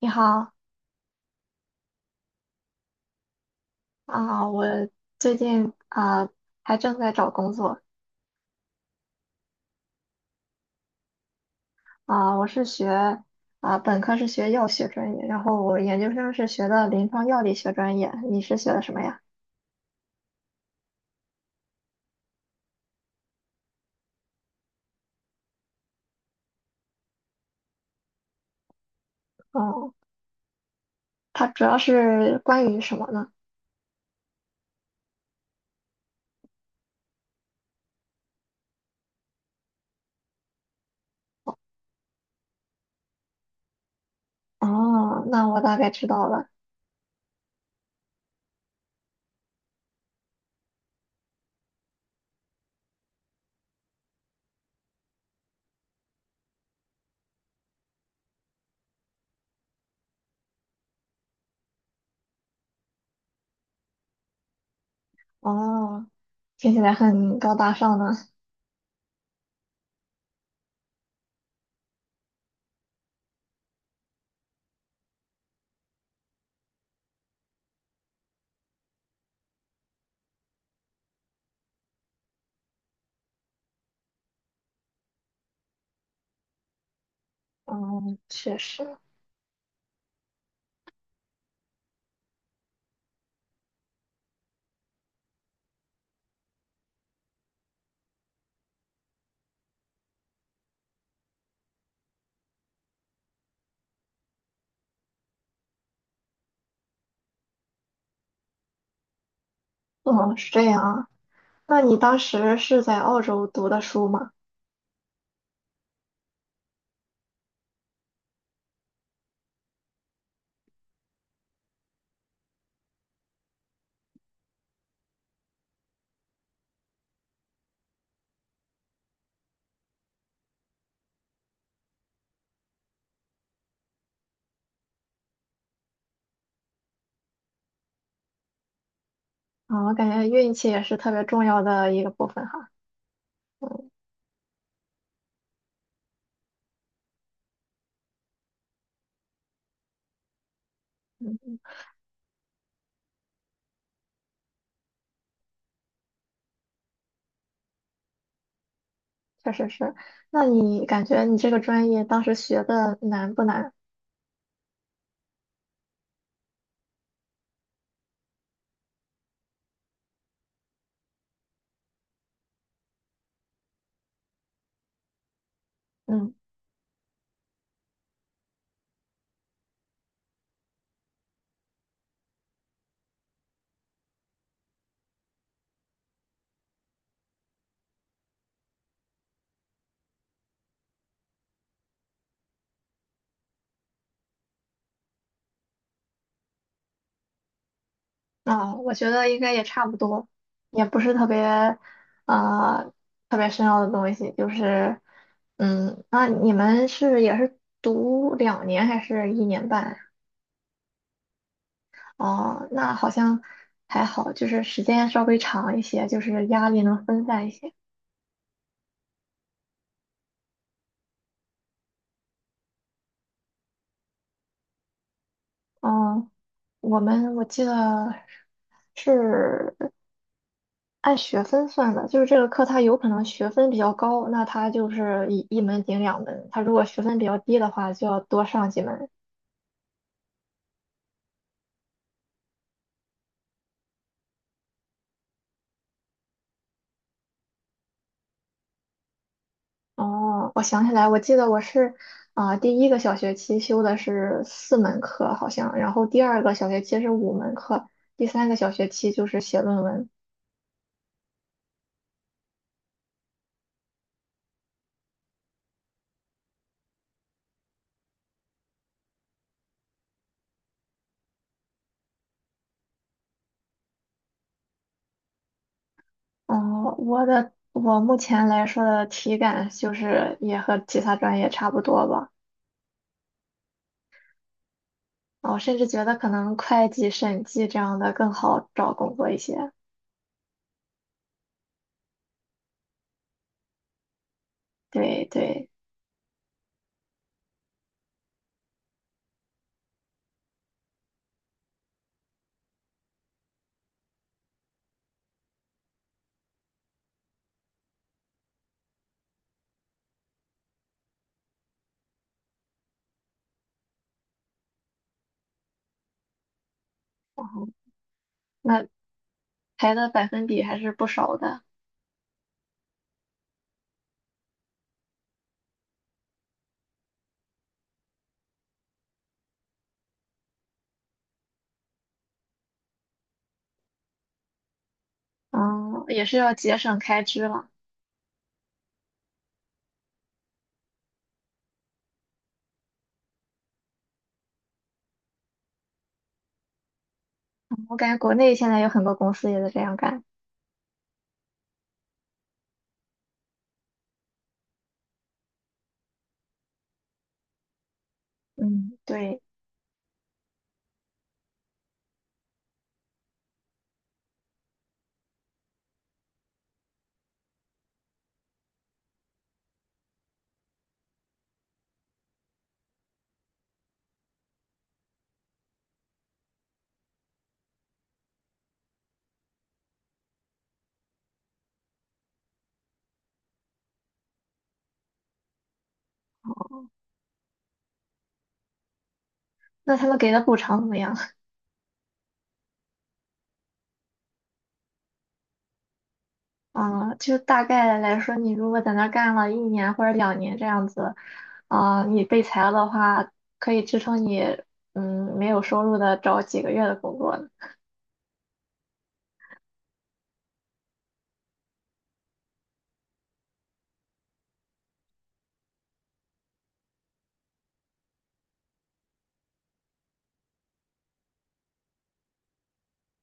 你好啊，我最近啊还正在找工作啊。我是学啊本科是学药学专业，然后我研究生是学的临床药理学专业。你是学的什么呀？哦，它主要是关于什么呢？哦，那我大概知道了。哦，听起来很高大上呢。嗯，确实。嗯，是这样啊。那你当时是在澳洲读的书吗？啊，我感觉运气也是特别重要的一个部分哈。嗯，确实是。那你感觉你这个专业当时学的难不难？嗯，我觉得应该也差不多，也不是啊，特别深奥的东西。就是，嗯。那你们是也是读两年还是一年半呀？哦，那好像还好，就是时间稍微长一些，就是压力能分散一些。哦，我记得是按学分算的，就是这个课它有可能学分比较高，那它就是一门顶两门；它如果学分比较低的话，就要多上几门。哦，我想起来，我记得我是啊、第一个小学期修的是四门课，好像，然后第二个小学期是五门课，第三个小学期就是写论文。哦，我目前来说的体感就是也和其他专业差不多吧。我甚至觉得可能会计、审计这样的更好找工作一些。对对，那排的百分比还是不少的，嗯，也是要节省开支了。嗯，我感觉国内现在有很多公司也在这样干，嗯，对。那他们给的补偿怎么样？就大概来说，你如果在那儿干了一年或者两年这样子，你被裁了的话，可以支撑你，没有收入的找几个月的工作呢。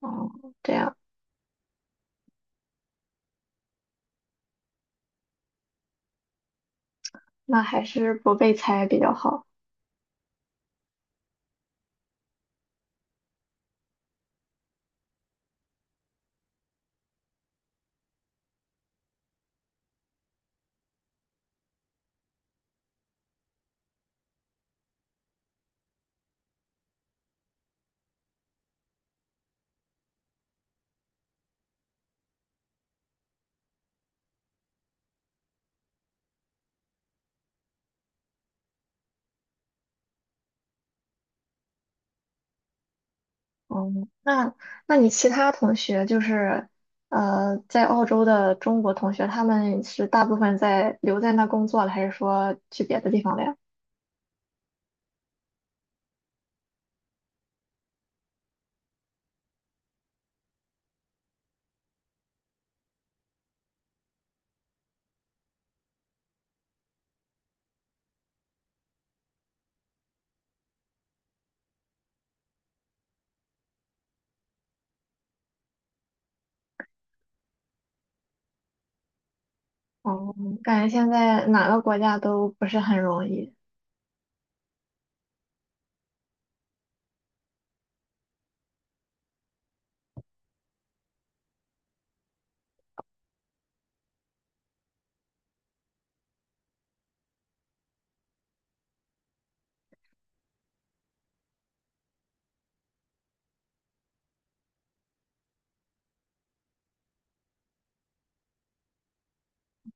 哦、这样，那还是不被裁比较好。哦，那那你其他同学就是在澳洲的中国同学，他们是大部分在留在那工作了，还是说去别的地方了呀？哦，感觉现在哪个国家都不是很容易。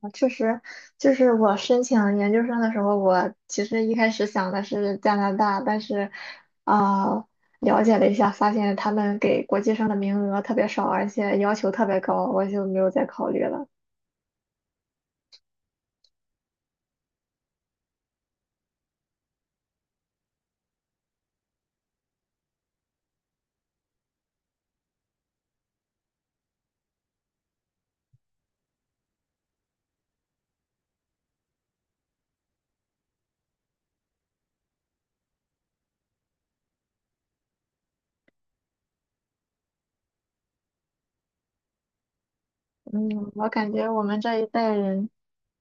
啊确实，就是我申请研究生的时候，我其实一开始想的是加拿大，但是啊、呃了解了一下，发现他们给国际生的名额特别少，而且要求特别高，我就没有再考虑了。嗯，我感觉我们这一代人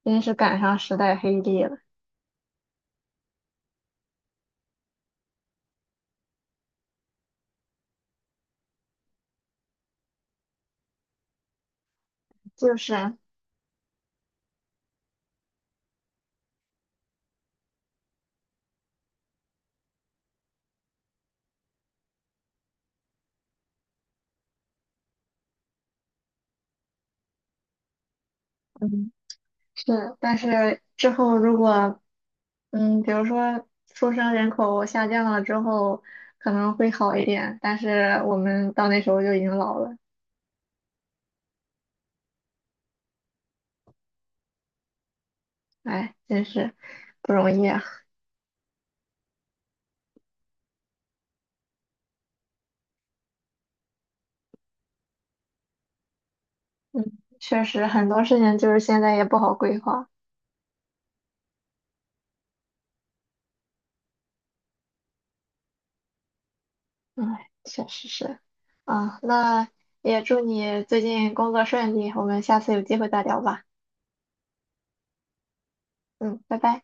真是赶上时代黑帝了，就是。嗯，是，但是之后如果，嗯，比如说出生人口下降了之后，可能会好一点，但是我们到那时候就已经老了，哎，真是不容易啊。嗯，确实很多事情就是现在也不好规划，哎，确实是。啊，那也祝你最近工作顺利，我们下次有机会再聊吧。嗯，拜拜。